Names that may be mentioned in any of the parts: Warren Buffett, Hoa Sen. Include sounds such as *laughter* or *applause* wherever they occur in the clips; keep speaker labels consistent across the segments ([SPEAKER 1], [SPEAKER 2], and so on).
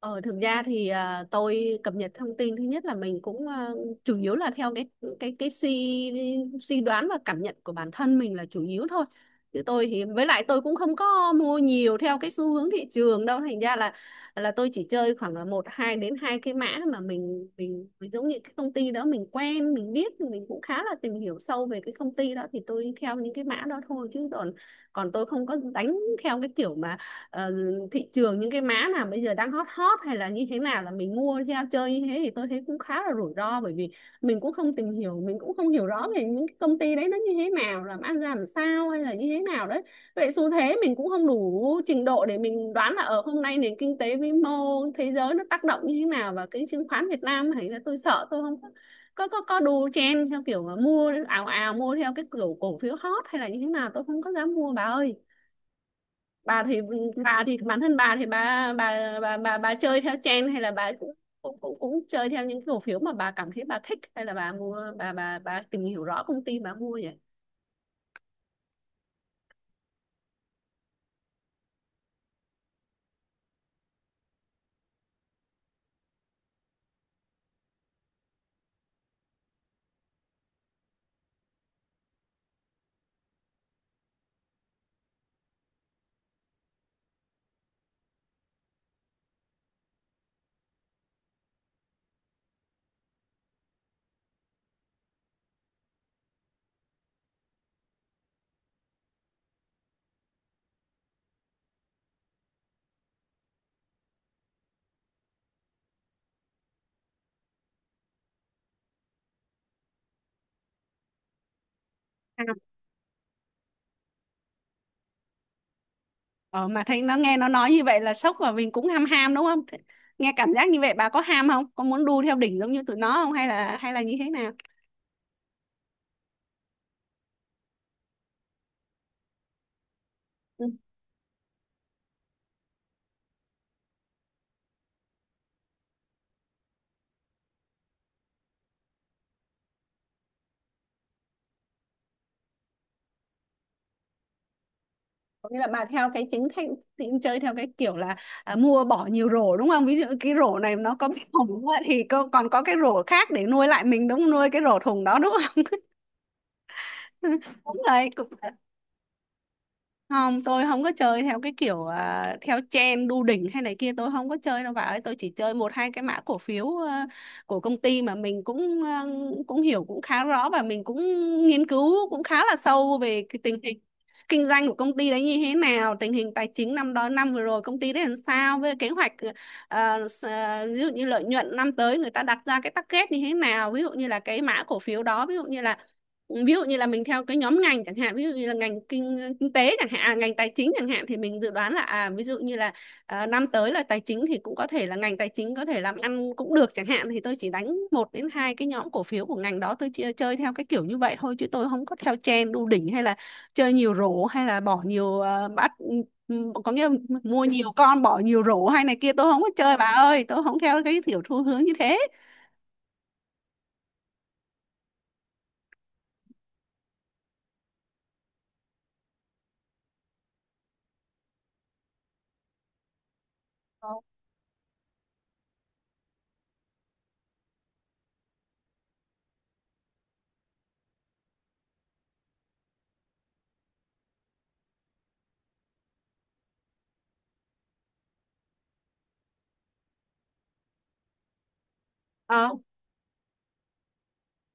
[SPEAKER 1] Ờ, thực ra thì tôi cập nhật thông tin thứ nhất là mình cũng chủ yếu là theo cái suy suy đoán và cảm nhận của bản thân mình là chủ yếu thôi. Chứ tôi thì với lại tôi cũng không có mua nhiều theo cái xu hướng thị trường đâu. Thành ra là tôi chỉ chơi khoảng là một hai đến hai cái mã mà mình giống như cái công ty đó mình quen mình biết mình cũng khá là tìm hiểu sâu về cái công ty đó thì tôi theo những cái mã đó thôi, chứ còn còn tôi không có đánh theo cái kiểu mà ờ, thị trường những cái mã nào bây giờ đang hot hot hay là như thế nào là mình mua theo chơi như thế thì tôi thấy cũng khá là rủi ro, bởi vì mình cũng không tìm hiểu, mình cũng không hiểu rõ về những cái công ty đấy nó như thế nào, làm ăn ra làm sao hay là như thế nào đấy. Vậy xu thế mình cũng không đủ trình độ để mình đoán là ở hôm nay nền kinh tế vĩ mô thế giới nó tác động như thế nào và cái chứng khoán Việt Nam, hay là tôi sợ tôi không có đu chen theo kiểu mà mua ào ào, mua theo cái kiểu cổ phiếu hot hay là như thế nào tôi không có dám mua bà ơi. Bà thì bà thì bản thân bà thì bà bà chơi theo trend hay là bà cũng cũng cũng cũng chơi theo những cổ phiếu mà bà cảm thấy bà thích, hay là bà mua, bà bà tìm hiểu rõ công ty bà mua vậy? À, Ờ, mà thấy nó, nghe nó nói như vậy là sốc và mình cũng ham ham đúng không? Nghe cảm giác như vậy bà có ham không? Có muốn đu theo đỉnh giống như tụi nó không, hay là như thế nào? Có nghĩa là bà theo cái chính khách thì cũng chơi theo cái kiểu là mua bỏ nhiều rổ đúng không? Ví dụ cái rổ này nó có bị hỏng đúng không ạ? Thì cô còn có cái rổ khác để nuôi lại mình đúng không? Nuôi cái rổ thùng đó đúng không? *laughs* Đúng rồi, cũng không, tôi không có chơi theo cái kiểu theo trend đu đỉnh hay này kia, tôi không có chơi đâu bà ơi. Tôi chỉ chơi một hai cái mã cổ phiếu của công ty mà mình cũng cũng hiểu cũng khá rõ, và mình cũng nghiên cứu cũng khá là sâu về cái tình hình kinh doanh của công ty đấy như thế nào, tình hình tài chính năm đó, năm vừa rồi công ty đấy làm sao, với kế hoạch ví dụ như lợi nhuận năm tới người ta đặt ra cái target như thế nào, ví dụ như là cái mã cổ phiếu đó, ví dụ như là mình theo cái nhóm ngành chẳng hạn, ví dụ như là ngành kinh kinh tế chẳng hạn, ngành tài chính chẳng hạn, thì mình dự đoán là à ví dụ như là năm tới là tài chính thì cũng có thể là ngành tài chính có thể làm ăn cũng được chẳng hạn, thì tôi chỉ đánh một đến hai cái nhóm cổ phiếu của ngành đó tôi chơi, theo cái kiểu như vậy thôi, chứ tôi không có theo trend đu đỉnh hay là chơi nhiều rổ hay là bỏ nhiều có nghĩa là mua nhiều con bỏ nhiều rổ hay này kia tôi không có chơi bà ơi, tôi không theo cái kiểu xu hướng như thế. Ờ,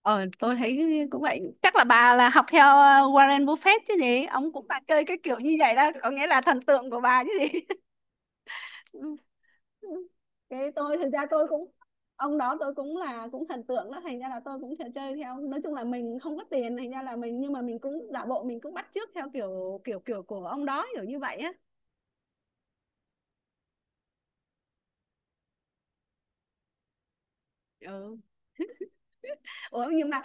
[SPEAKER 1] Ờ, tôi thấy cũng vậy. Chắc là bà là học theo Warren Buffett chứ gì? Ông cũng là chơi cái kiểu như vậy đó. Có nghĩa là thần tượng của bà chứ gì? *laughs* Ừ, ừ. Thế tôi thực ra tôi cũng ông đó, tôi cũng là cũng thần tượng đó, thành ra là tôi cũng thể chơi theo. Nói chung là mình không có tiền, thành ra là mình, nhưng mà mình cũng giả bộ mình cũng bắt chước theo kiểu kiểu kiểu của ông đó kiểu như vậy á. Ừ. Ủa nhưng mà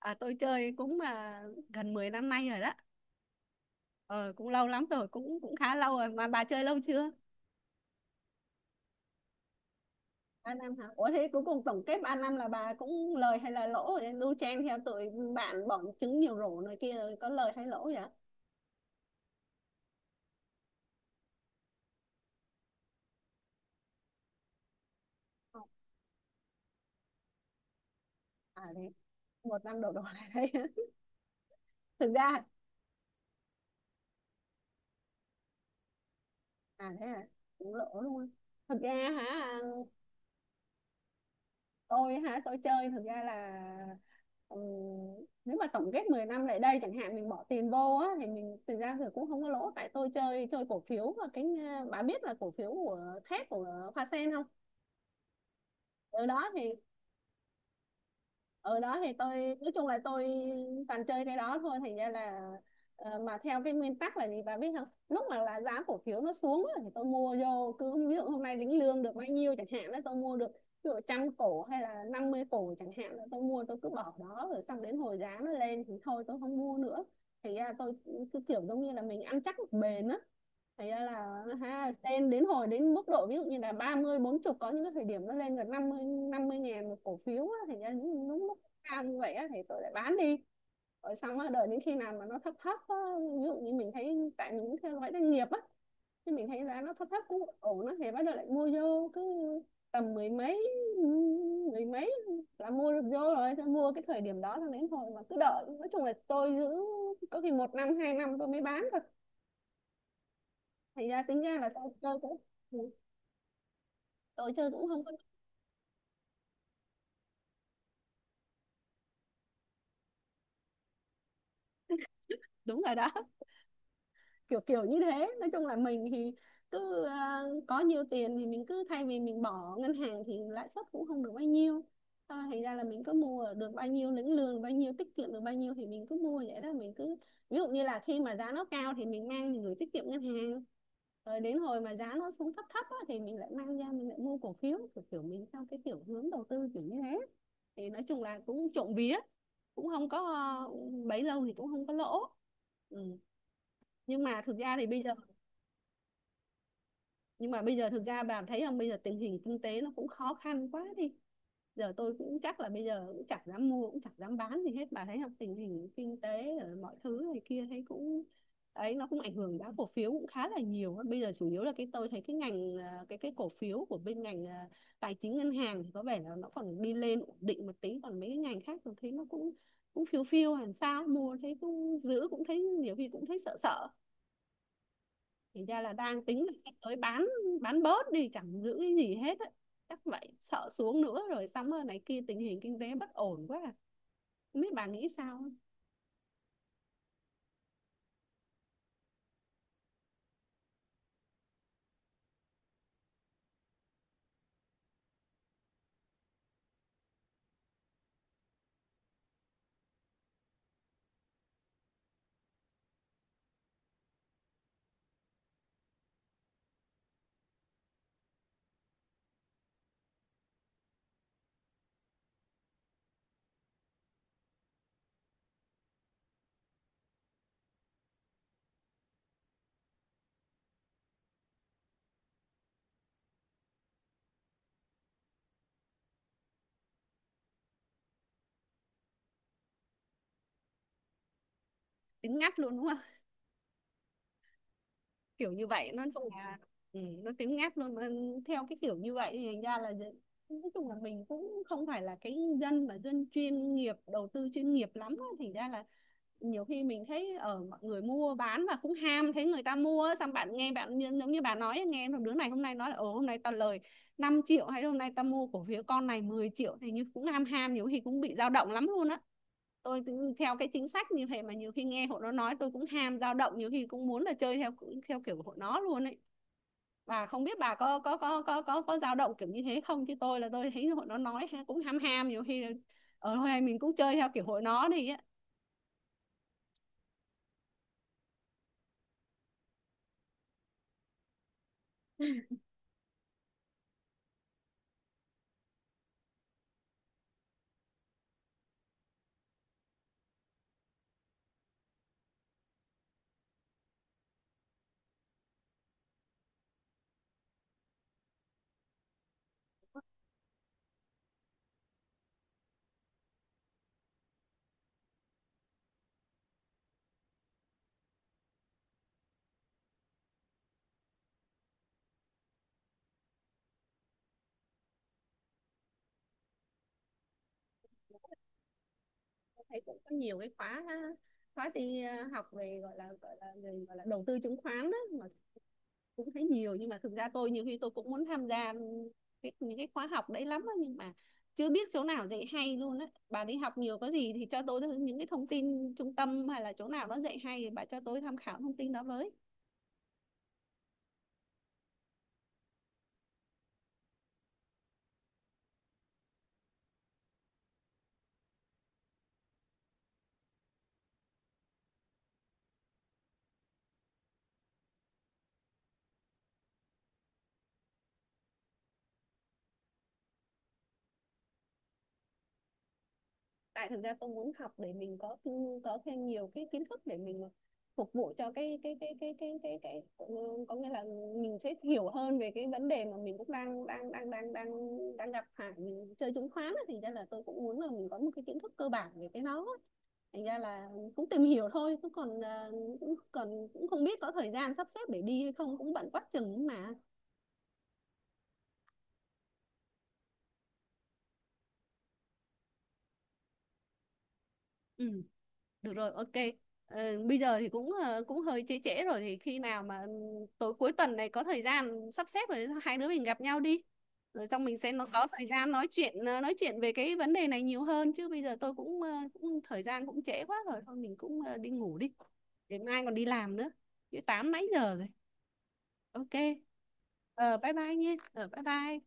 [SPEAKER 1] tôi chơi cũng gần 10 năm nay rồi đó. Ờ, Cũng lâu lắm rồi, cũng cũng khá lâu rồi, mà bà chơi lâu chưa? 3 năm hả? Ủa thế cuối cùng tổng kết 3 năm là bà cũng lời hay là lỗ vậy? Đu chen theo tụi bạn bọn trứng nhiều rổ này kia rồi có lời hay lỗ vậy? Không. À thế một năm đổ đổ lại đấy. *laughs* Thực ra à thế à cũng lỗ luôn. Thực ra hả? Tôi hả? Tôi chơi thực ra là ừm, nếu mà tổng kết 10 năm lại đây chẳng hạn mình bỏ tiền vô á thì mình, thực ra thì cũng không có lỗ, tại tôi chơi chơi cổ phiếu và cái bà biết là cổ phiếu của thép của Hoa Sen không? Từ đó thì ở đó thì tôi nói chung là tôi toàn chơi cái đó thôi, thành ra là mà theo cái nguyên tắc là gì bà biết không, lúc mà là giá cổ phiếu nó xuống á, thì tôi mua vô, cứ ví dụ hôm nay lĩnh lương được bao nhiêu chẳng hạn đó tôi mua được ví dụ 100 cổ hay là 50 cổ chẳng hạn là tôi mua. Tôi cứ bỏ đó rồi xong đến hồi giá nó lên thì thôi tôi không mua nữa. Thì ra tôi cứ kiểu giống như là mình ăn chắc bền á. Thì ra là ha, lên đến hồi đến mức độ ví dụ như là 34 40, có những cái thời điểm nó lên gần năm mươi ngàn một cổ phiếu á, thành ra những lúc cao như vậy á, thì tôi lại bán đi, rồi xong á đợi đến khi nào mà nó thấp thấp á, ví dụ như mình thấy tại mình cũng theo dõi doanh nghiệp á, thì mình thấy giá nó thấp thấp cũng ổn á thì bắt đầu lại mua vô. Cứ tầm mười mấy là mua được vô rồi. Thế mua cái thời điểm đó là đến hồi mà cứ đợi, nói chung là tôi giữ có khi một năm 2 năm tôi mới bán thôi, thành ra tính ra là tôi chơi cũng không có. Đúng rồi đó, kiểu kiểu như thế. Nói chung là mình thì cứ có nhiều tiền thì mình cứ, thay vì mình bỏ ngân hàng thì lãi suất cũng không được bao nhiêu. Thôi thành ra là mình cứ mua, được bao nhiêu lĩnh lương, bao nhiêu tiết kiệm được bao nhiêu thì mình cứ mua vậy đó. Mình cứ ví dụ như là khi mà giá nó cao thì mình mang mình gửi tiết kiệm ngân hàng, rồi đến hồi mà giá nó xuống thấp thấp á, thì mình lại mang ra mình lại mua cổ phiếu, kiểu kiểu mình theo cái kiểu hướng đầu tư kiểu như thế. Thì nói chung là cũng trộm vía cũng không có, bấy lâu thì cũng không có lỗ. ừ nhưng mà thực ra thì bây giờ, nhưng mà bây giờ thực ra bà thấy không, bây giờ tình hình kinh tế nó cũng khó khăn quá đi. Giờ tôi cũng, chắc là bây giờ cũng chẳng dám mua cũng chẳng dám bán gì hết, bà thấy không, tình hình kinh tế rồi mọi thứ này kia thấy cũng ấy, nó cũng ảnh hưởng giá cổ phiếu cũng khá là nhiều. Bây giờ chủ yếu là cái tôi thấy cái ngành cái cổ phiếu của bên ngành tài chính ngân hàng thì có vẻ là nó còn đi lên ổn định một tí, còn mấy cái ngành khác tôi thấy nó cũng cũng phiêu phiêu làm sao mua thấy cũng giữ cũng thấy, nhiều khi cũng thấy sợ sợ. Thì ra là đang tính là sắp tới bán bớt đi chẳng giữ cái gì hết ấy. Chắc vậy, sợ xuống nữa rồi xong rồi này kia, tình hình kinh tế bất ổn quá à. Không biết bà nghĩ sao. Tính ngắt luôn đúng kiểu như vậy, nó chung là nó tiếng ngáp luôn mà theo cái kiểu như vậy. Thì thành ra là nói chung là mình cũng không phải là cái dân mà dân chuyên nghiệp, đầu tư chuyên nghiệp lắm á. Thành ra là nhiều khi mình thấy ở mọi người mua bán và cũng ham, thấy người ta mua xong bạn, nghe bạn giống như bà nói, nghe thằng đứa này hôm nay nói là ồ hôm nay tao lời 5 triệu, hay hôm nay ta mua cổ phiếu con này 10 triệu, thì như cũng ham ham, nhiều khi cũng bị dao động lắm luôn á. Tôi theo cái chính sách như vậy mà nhiều khi nghe hội nó nói tôi cũng ham dao động, nhiều khi cũng muốn là chơi theo theo kiểu của hội nó luôn ấy. Và không biết bà có dao động kiểu như thế không, chứ tôi là tôi thấy hội nó nói cũng ham ham, nhiều khi là ở thôi mình cũng chơi theo kiểu hội nó đi á. Tôi thấy cũng có nhiều cái khóa khóa đi học về gọi là đầu tư chứng khoán đó, mà cũng thấy nhiều. Nhưng mà thực ra tôi nhiều khi tôi cũng muốn tham gia cái, những cái khóa học đấy lắm á, nhưng mà chưa biết chỗ nào dạy hay luôn á. Bà đi học nhiều có gì thì cho tôi những cái thông tin trung tâm hay là chỗ nào nó dạy hay thì bà cho tôi tham khảo thông tin đó với. Tại thực ra tôi muốn học để mình có thêm nhiều cái kiến thức để mình phục vụ cho cái, có nghĩa là mình sẽ hiểu hơn về cái vấn đề mà mình cũng đang đang đang đang đang đang gặp phải. Mình chơi chứng khoán thì ra là tôi cũng muốn là mình có một cái kiến thức cơ bản về cái nó. Thành ra là cũng tìm hiểu thôi, cũng còn cũng không biết có thời gian sắp xếp để đi hay không, cũng bận quá chừng ấy mà. Ừ. Được rồi, ok. Bây giờ thì cũng cũng hơi trễ trễ rồi, thì khi nào mà tối cuối tuần này có thời gian sắp xếp rồi hai đứa mình gặp nhau đi. Rồi xong mình sẽ nó có thời gian nói chuyện, nói chuyện về cái vấn đề này nhiều hơn, chứ bây giờ tôi cũng, cũng thời gian cũng trễ quá rồi, thôi mình cũng đi ngủ đi. Để mai còn đi làm nữa. Chứ 8 nãy giờ rồi. Ok. Ờ Bye bye nhé. Ờ Bye bye.